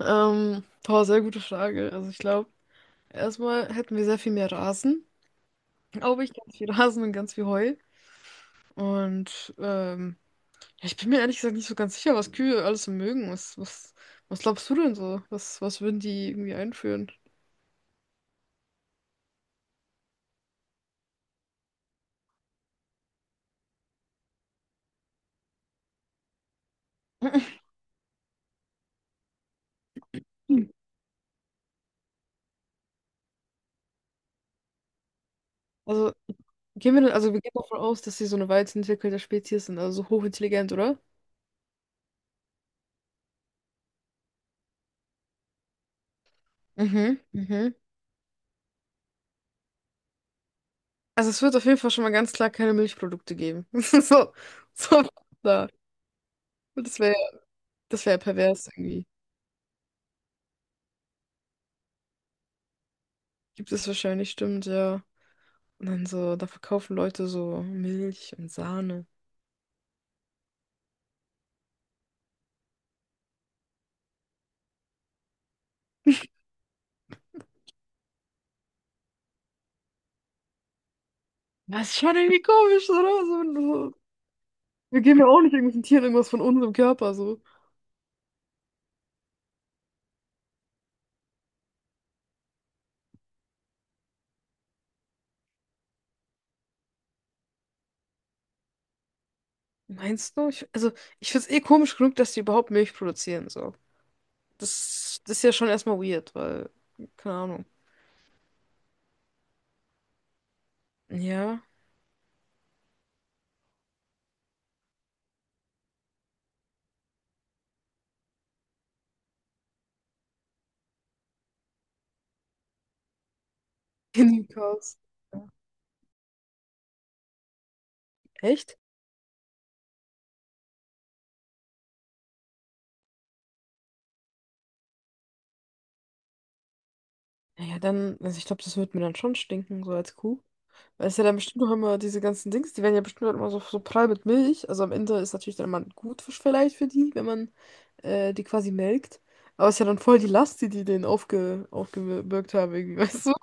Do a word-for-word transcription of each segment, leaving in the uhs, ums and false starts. Ähm, boah, sehr gute Frage. Also ich glaube, erstmal hätten wir sehr viel mehr Rasen, glaube ich, ganz viel Rasen und ganz viel Heu. Und ähm, ja, ich bin mir ehrlich gesagt nicht so ganz sicher, was Kühe alles so mögen. Was, was, was glaubst du denn so? Was, was würden die irgendwie einführen? Hm. Also gehen wir, denn- also wir gehen davon aus, dass sie so eine weit entwickelte Spezies sind, also so hochintelligent, oder? Mhm, mhm. Also es wird auf jeden Fall schon mal ganz klar keine Milchprodukte geben. So, so, da. Das wäre, das wäre pervers irgendwie. Gibt es wahrscheinlich, stimmt, ja. Und dann so, da verkaufen Leute so Milch und Sahne. Das ist schon irgendwie komisch, oder? So, so, wir geben ja auch nicht irgendwelchen Tieren irgendwas von unserem Körper, so. Meinst du? Ich, also, ich find's eh komisch genug, dass die überhaupt Milch produzieren, so. Das, das ist ja schon erstmal weird, weil, keine Ahnung. Ja. Hindikaus. Echt? Naja, dann, also ich glaube, das wird mir dann schon stinken, so als Kuh. Weil es ja dann bestimmt noch immer diese ganzen Dings, die werden ja bestimmt halt immer so, so prall mit Milch. Also am Ende ist natürlich dann immer ein Gutfisch vielleicht für die, wenn man äh, die quasi melkt. Aber es ist ja dann voll die Last, die die denen aufge, aufgebürgt haben, irgendwie, weißt du?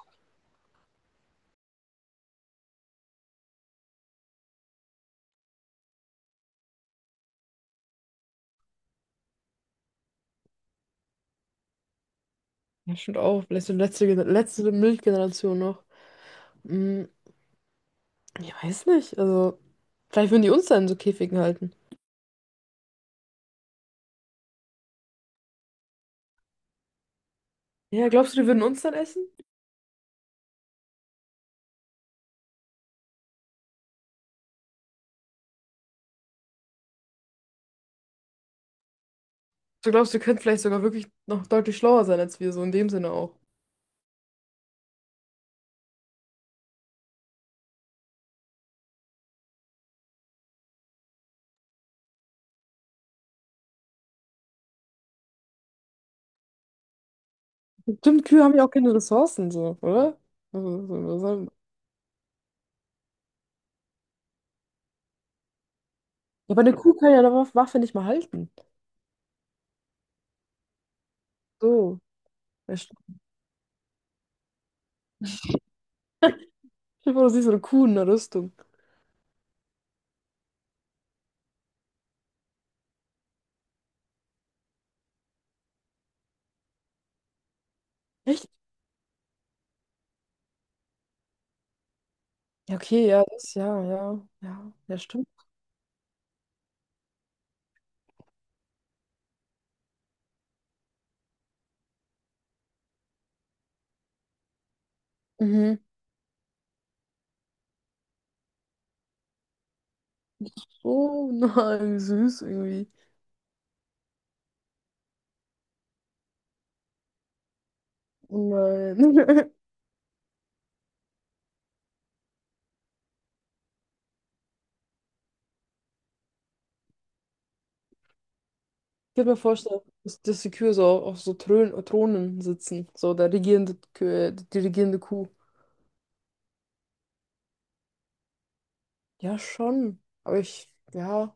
Ja, stimmt auch. Vielleicht so letzte, Gener- letzte Milchgeneration noch. Hm, ich weiß nicht. Also, vielleicht würden die uns dann in so Käfigen halten. Ja, glaubst du, die würden uns dann essen? Du glaubst, die könnten vielleicht sogar wirklich noch deutlich schlauer sein als wir, so in dem Sinne auch. Stimmt, Kühe haben ja auch keine Ressourcen, so, oder? Also, so, was soll- Ja, aber eine Kuh kann ja eine Waff- Waffe nicht mal halten. So. Ja, st- Stell dir vor, du siehst so eine Kuh in einer Rüstung. Echt? Ja, okay, ja, das, ja, ja, ja, ja, stimmt. Mhm. Oh nein, wie süß irgendwie. Oh nein. Ich kann mir vorstellen, dass, dass die Kühe so auf so Thrön, Thronen sitzen. So der regierende Kühe, die regierende Kuh. Ja, schon. Aber ich, ja.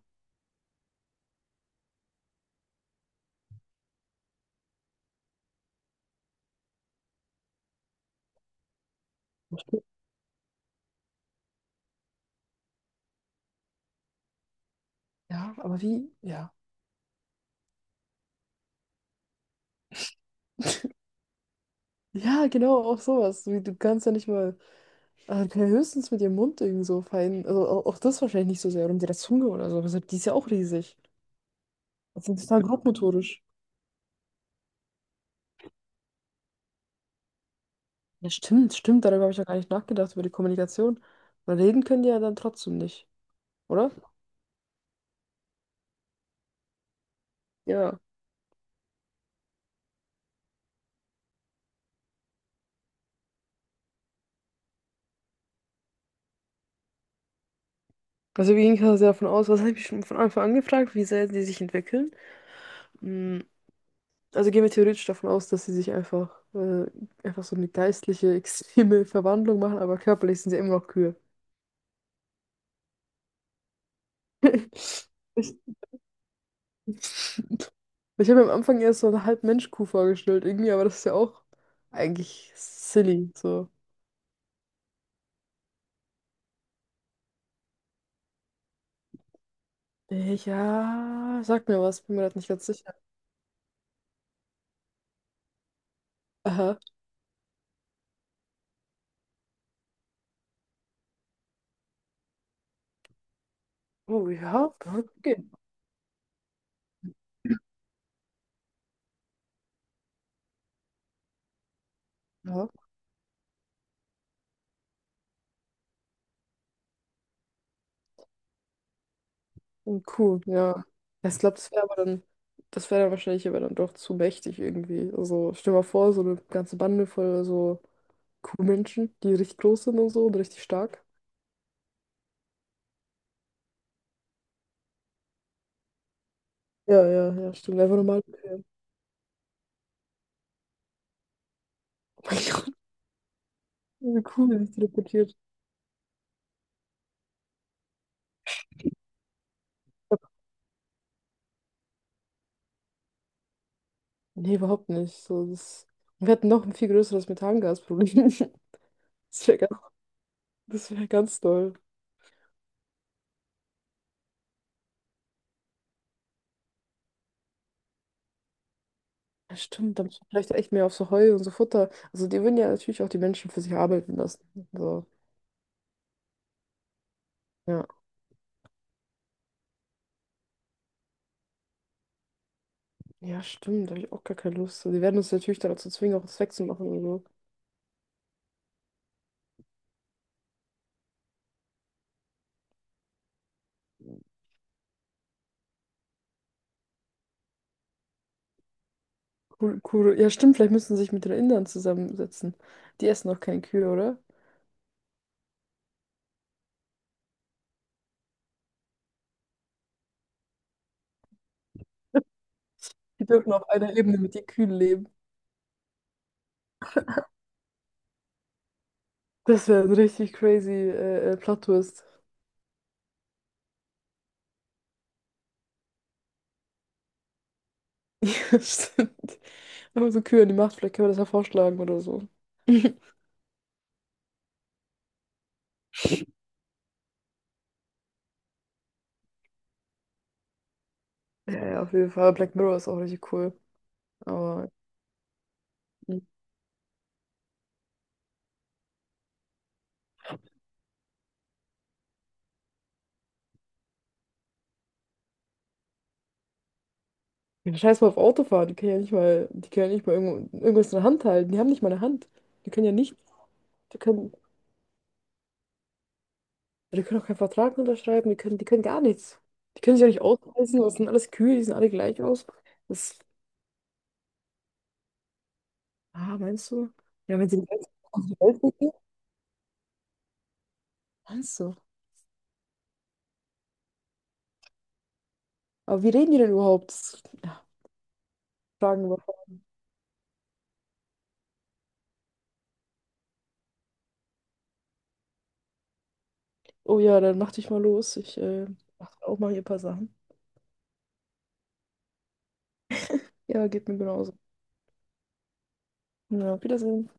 Ja, aber wie? Ja. Ja, genau, auch sowas. Wie, du kannst ja nicht mal. Äh, kann ja höchstens mit ihrem Mund irgend so fein. Also au- auch das wahrscheinlich nicht so sehr. Oder mit der Zunge oder so. Deshalb, die ist ja auch riesig. Also das ist total grobmotorisch. Ja, stimmt, stimmt. Darüber habe ich ja gar nicht nachgedacht, über die Kommunikation. Weil reden können die ja dann trotzdem nicht, oder? Ja. Also wir gehen quasi davon aus, was habe ich schon von Anfang an gefragt, wie sehr die sich entwickeln. Mm, Also gehen wir theoretisch davon aus, dass sie sich einfach, äh, einfach so eine geistliche, extreme Verwandlung machen, aber körperlich sind sie immer noch Kühe. Richtig. Ich habe mir am Anfang erst so eine Halb-Mensch-Kuh vorgestellt, irgendwie, aber das ist ja auch eigentlich silly, so. Äh, Ja, sag mir was, bin mir grad nicht ganz sicher. Aha. Oh ja, kann gehen. Ja, und cool, ja. Ja, ich glaube, das wäre aber dann, das wäre dann wahrscheinlich aber dann doch zu mächtig irgendwie. Also stell dir mal vor, so eine ganze Bande voll so Kuhmenschen, die richtig groß sind und so und richtig stark. Ja, ja, ja, stimmt. Einfach normal. Okay. Oh mein Gott, eine Kuh, die sich teleportiert. Nee, überhaupt nicht. So, das... Wir hätten noch ein viel größeres Methangasproblem. Das wäre ganz, das wär ganz doll. Ja, stimmt, da muss man vielleicht echt mehr auf so Heu und so Futter. Also die würden ja natürlich auch die Menschen für sich arbeiten lassen. So, ja. Ja, stimmt, da habe ich auch gar keine Lust. So, die werden uns natürlich dazu zwingen, auch was wegzumachen und so. Kur Kur Ja, stimmt, vielleicht müssen sie sich mit den Indern zusammensetzen. Die essen auch keine Kühe, oder? Die dürfen auf einer Ebene mit den Kühen leben. Das wäre ein richtig crazy äh, äh, Plot-Twist. Ja, stimmt. Wenn man so Kühe in die Macht, vielleicht können wir das ja vorschlagen oder so. Ja, ja, auf jeden Fall. Black Mirror ist auch richtig cool. Aber hm. Ja, scheiß mal auf Autofahren. Die können ja nicht mal, die können ja nicht mal irgendwo, irgendwas in der Hand halten. Die haben nicht mal eine Hand. Die können ja nicht. Die können, die können auch keinen Vertrag unterschreiben. Die können, die können gar nichts. Die können sich ja nicht ausweisen. Das sind alles Kühe, die sehen alle gleich aus. Das, ah, meinst du? Ja, wenn sie in die Welt, in die Welt gehen, meinst du? Aber wie reden die denn überhaupt? Das- Ja, fragen wir. Oh ja, dann mach dich mal los. Ich äh, Mach auch mal hier ein paar Sachen. Ja, geht mir genauso. Ja, auf Wiedersehen.